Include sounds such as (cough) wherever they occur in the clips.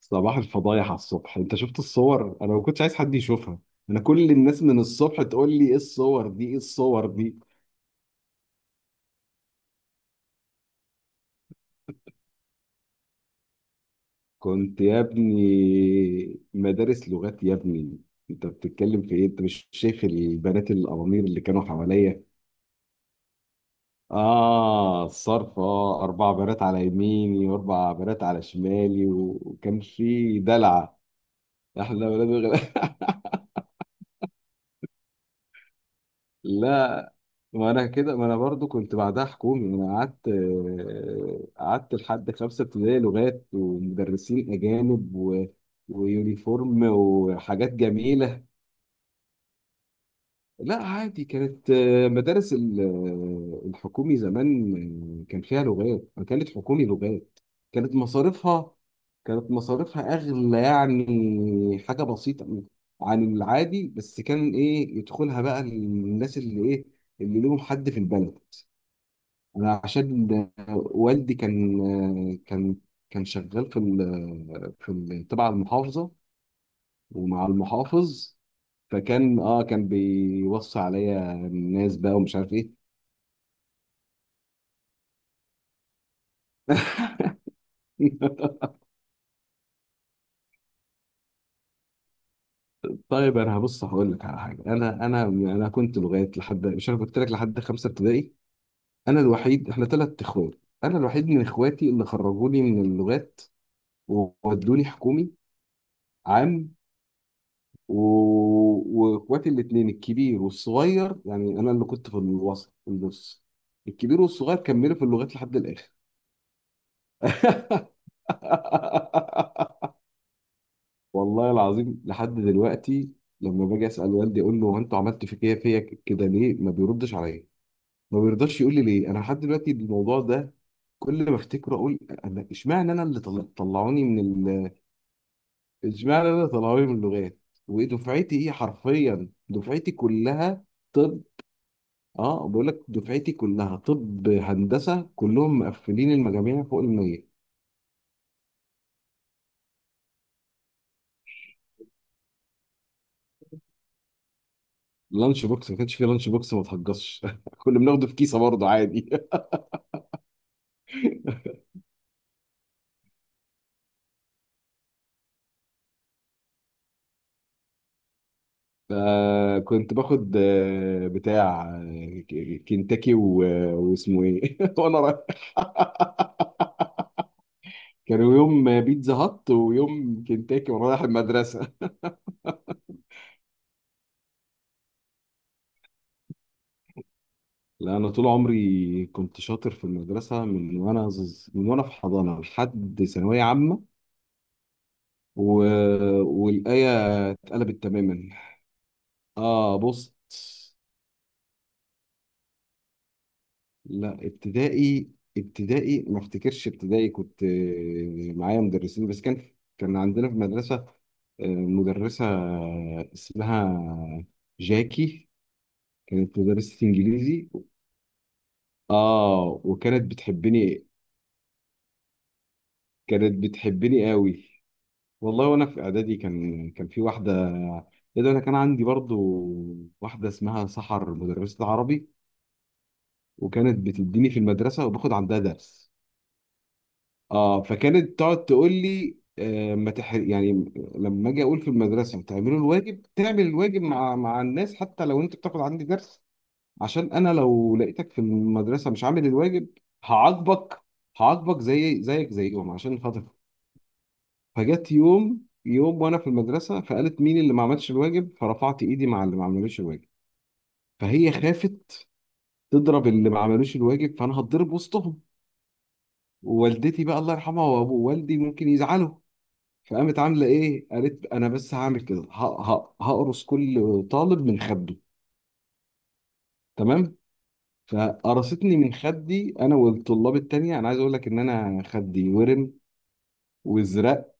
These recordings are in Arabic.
صباح الفضايح على الصبح. انت شفت الصور؟ انا ما كنتش عايز حد يشوفها. انا كل الناس من الصبح تقول لي ايه الصور دي؟ ايه الصور دي؟ كنت يا ابني مدارس لغات يا ابني. انت بتتكلم في ايه؟ انت مش شايف البنات القوامير اللي كانوا حواليا؟ اه، الصرف. اه، اربع بنات على يميني واربع بنات على شمالي، و- وكان في دلع. احنا ولاد وغلا. (laughs) لا، ما انا كده، ما انا برضو كنت بعدها حكومي. انا قعدت، قعدت لحد خمسه ابتدائي لغات ومدرسين اجانب ويونيفورم وحاجات جميله. لا، عادي. كانت مدارس الحكومي زمان. كان فيها لغات، كانت حكومي لغات. كانت مصاريفها كانت مصاريفها اغلى، يعني حاجه بسيطه عن العادي. بس كان ايه، يدخلها بقى الناس اللي ايه، اللي لهم حد في البلد. انا عشان والدي كان، كان كان شغال في ال تبع المحافظه ومع المحافظ. فكان، كان بيوصي عليا الناس بقى ومش عارف ايه. (laughs) طيب، انا هبص هقول لك على حاجه. انا كنت لغايه لحد، مش انا قلت لك لحد خمسه ابتدائي. انا الوحيد، احنا ثلاث اخوات. انا الوحيد من اخواتي اللي خرجوني من اللغات وودوني حكومي. عام. و- واخواتي الاثنين الكبير والصغير، يعني انا اللي كنت في الوسط في النص. الكبير والصغير كملوا في اللغات لحد الاخر. (laughs) والله العظيم، لحد دلوقتي لما باجي اسال والدي اقول له هو انتوا عملتوا في كده فيا كده ليه، ما بيردش عليا، ما بيرضاش يقول لي ليه. انا لحد دلوقتي الموضوع ده كل ما افتكره اقول انا اشمعنى انا اللي طلعوني من ال... اشمعنى انا اللي طلعوني من اللغات؟ ودفعتي، ايه، حرفيا دفعتي كلها. طب، اه، بقول لك دفعتي كلها. طب هندسه كلهم مقفلين المجاميع فوق ال 100. لانش بوكس؟ ما كانش فيه لانش بوكس، ما تهجصش. (laughs) كنا بناخده في كيسه برضه عادي. (laughs) فكنت باخد بتاع، كنتاكي واسمه ايه (laughs) وانا رايح. كانوا يوم بيتزا هات ويوم كنتاكي وانا رايح المدرسه. (laughs) لا، انا طول عمري كنت شاطر في المدرسه من وانا في حضانه لحد ثانويه عامه و... والآية اتقلبت تماما. اه، بص. لا، ابتدائي ما افتكرش. ابتدائي كنت معايا مدرسين، بس كان كان عندنا في المدرسة مدرسة اسمها جاكي، كانت مدرسة انجليزي. اه، وكانت بتحبني. كانت بتحبني قوي. والله، وانا في اعدادي كان، في واحدة. ايه ده، انا كان عندي برضو واحدة اسمها سحر، مدرسة عربي، وكانت بتديني في المدرسة وباخد عندها درس. اه، فكانت تقعد تقول لي: آه ما تح... يعني لما اجي اقول في المدرسه تعملوا الواجب، تعمل الواجب مع الناس حتى لو انت بتاخد عندي درس، عشان انا لو لقيتك في المدرسه مش عامل الواجب هعاقبك هعاقبك زي زيك زيهم، عشان خاطر. فجت يوم، وانا في المدرسه فقالت مين اللي ما عملش الواجب، فرفعت ايدي مع اللي ما عملوش الواجب. فهي خافت تضرب اللي ما عملوش الواجب، فانا هتضرب وسطهم ووالدتي بقى الله يرحمها وابو والدي ممكن يزعلوا. فقامت عامله ايه، قالت انا بس هعمل كده هقرص كل طالب من خده. تمام. فقرصتني من خدي انا والطلاب التانية. انا عايز اقول لك ان انا خدي ورم وازرق.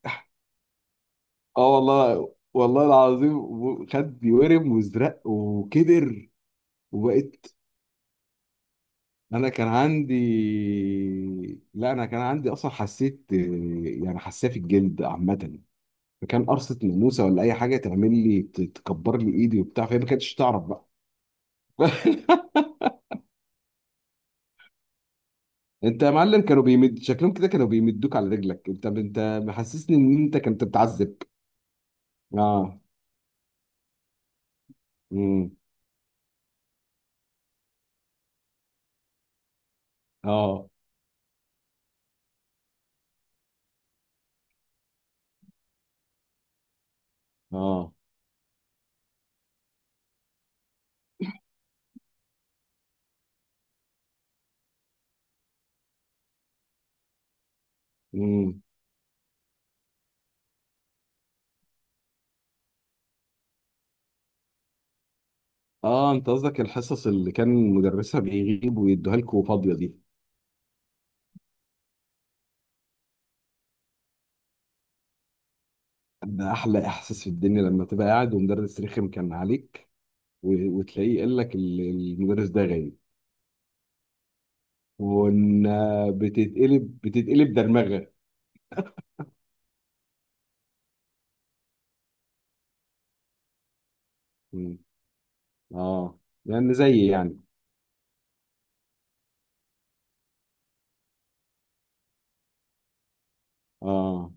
اه، والله العظيم، خدي ورم وازرق وكبر. وبقيت، انا كان عندي، لا انا كان عندي اصلا، حسيت يعني حساسيه في الجلد عامه، فكان قرصه ناموسه ولا اي حاجه تعمل لي تكبر لي ايدي وبتاع، فهي ما كانتش تعرف بقى. (laughs) انت يا معلم كانوا بيمد شكلهم كده، كانوا بيمدوك على رجلك انت. محسسني ان انت كنت بتعذب. اه. امم اه. اه. امم اه. انت قصدك الحصص اللي كان مدرسها بيغيب ويدوها لكم فاضيه دي؟ ده احلى احساس في الدنيا، لما تبقى قاعد ومدرس رخم كان عليك و- وتلاقيه قال لك المدرس ده غايب. وان بتتقلب، درمغه. امم اه، يعني زي يعني. اه،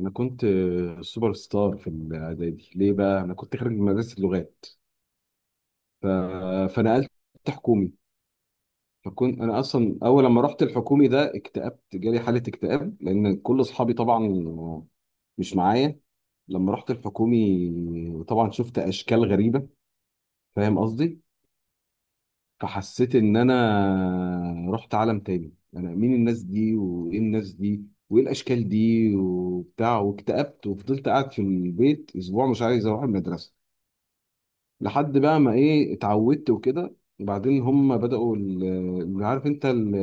انا كنت سوبر ستار في الاعدادي. ليه بقى؟ انا كنت خارج من مدرسه اللغات، ف... فنقلت حكومي. فكنت انا اصلا اول لما رحت الحكومي ده اكتئبت، جالي حاله اكتئاب لان كل اصحابي طبعا مش معايا. لما رحت الحكومي طبعا شفت اشكال غريبه، فاهم قصدي؟ فحسيت ان انا رحت عالم تاني. انا مين الناس دي؟ وايه الناس دي وايه الاشكال دي وبتاع، واكتئبت وفضلت قاعد في البيت اسبوع مش عايز اروح المدرسه لحد بقى ما، ايه، اتعودت وكده. وبعدين هم بدأوا اللي عارف انت ال-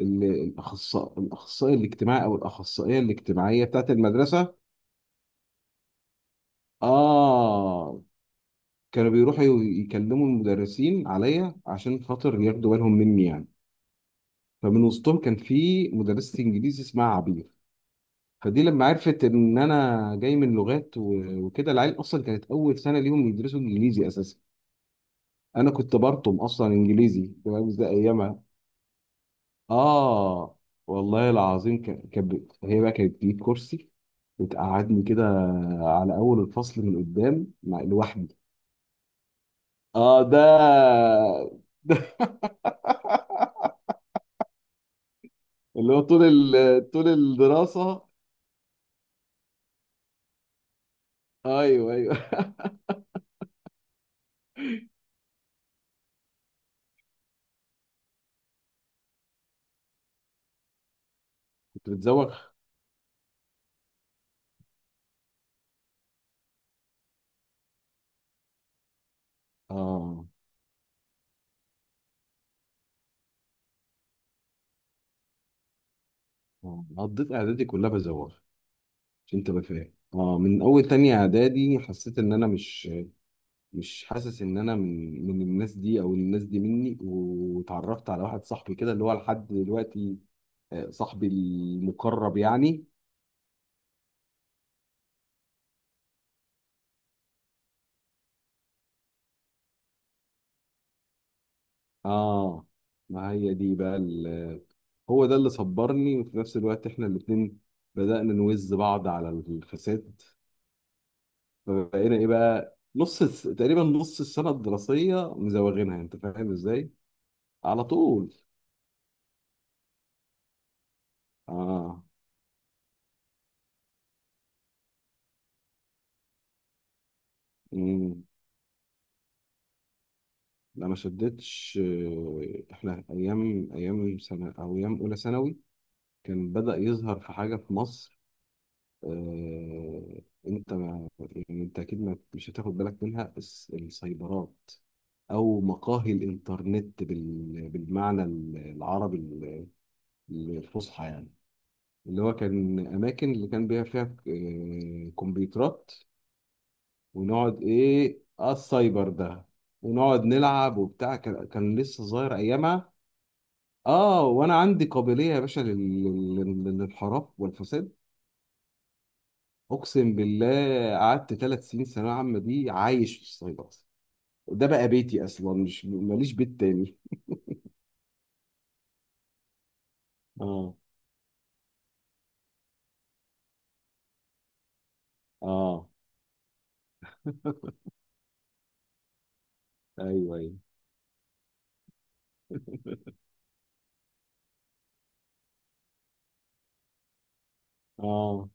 ال- الاخصائي، الاجتماعي او الاخصائيه الاجتماعيه بتاعت المدرسه. اه، كانوا بيروحوا يكلموا المدرسين عليا عشان خاطر ياخدوا بالهم مني يعني. فمن وسطهم كان في مدرسه انجليزي اسمها عبير. فدي لما عرفت ان انا جاي من لغات و- وكده، العيال اصلا كانت اول سنه ليهم يدرسوا انجليزي اساسا. انا كنت برطم اصلا انجليزي، فاهم ازاي ايامها. اه، والله العظيم، هي بقى كانت بتجيب كرسي وتقعدني كده على اول الفصل من قدام، مع لوحدي. اه، ده (laughs) ده اللي هو طول طول الدراسه. ايوه، ايوه. (laughs) كنت بتزوغ. اه. قضيت اعدادي كلها بزوغ، عشان تبقى فاهم. اه من اول تانية اعدادي حسيت ان انا مش، مش حاسس ان انا من الناس دي، او الناس دي مني، واتعرفت على واحد صاحبي كده اللي هو لحد دلوقتي صاحبي المقرب يعني. اه، ما هي دي بقى هو ده اللي صبرني، وفي نفس الوقت احنا الاتنين بدأنا نوز بعض على الفساد. فبقينا ايه بقى تقريبا نص السنة الدراسية مزوغينها، انت فاهم ازاي؟ على طول. اه. امم لا، ما شدتش. احنا ايام، سنة، او ايام اولى ثانوي كان بدأ يظهر في حاجة في مصر. انت، ما يعني انت اكيد ما مش هتاخد بالك منها، السايبرات او مقاهي الانترنت بالمعنى العربي الفصحى يعني. اللي هو كان اماكن اللي كان فيها كمبيوترات، ونقعد ايه، اه السايبر ده، ونقعد نلعب وبتاع. كان، لسه صغير ايامها. اه، وانا عندي قابليه يا باشا للانحراف والفساد. اقسم بالله، قعدت ثلاث سنين ثانويه عامه دي عايش في الصعيد اصلا، ده بقى بيتي اصلا، مش ماليش بيت تاني. اه. اه. (laughs) ايوه، ايوه. اه.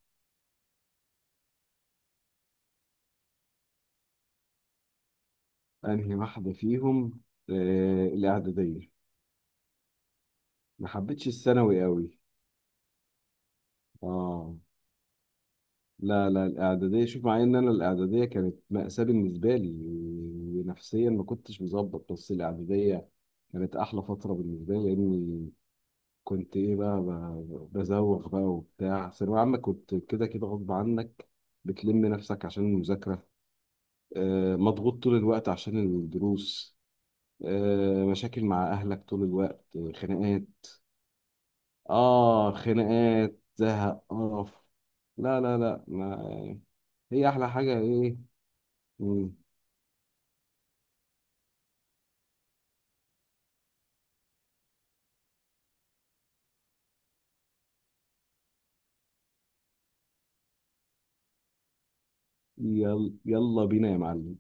انهي واحده فيهم؟ الاعداديه. ما حبيتش الثانوي قوي. اه. لا، لا، الاعداديه، شوف، مع ان انا الاعداديه كانت مأساة بالنسبه لي ونفسيا ما كنتش مظبط، بس الاعداديه كانت احلى فتره بالنسبه لي، لاني كنت ايه بقى، بزوغ بقى وبتاع. ثانوية عامة كنت كده كده غصب عنك بتلم نفسك عشان المذاكرة. مضغوط طول الوقت عشان الدروس. مشاكل مع أهلك طول الوقت، خناقات. خناقات، زهق، قرف. لا، لا، لا. ما هي أحلى حاجة إيه. مم. يلا، يلا بينا يا معلم.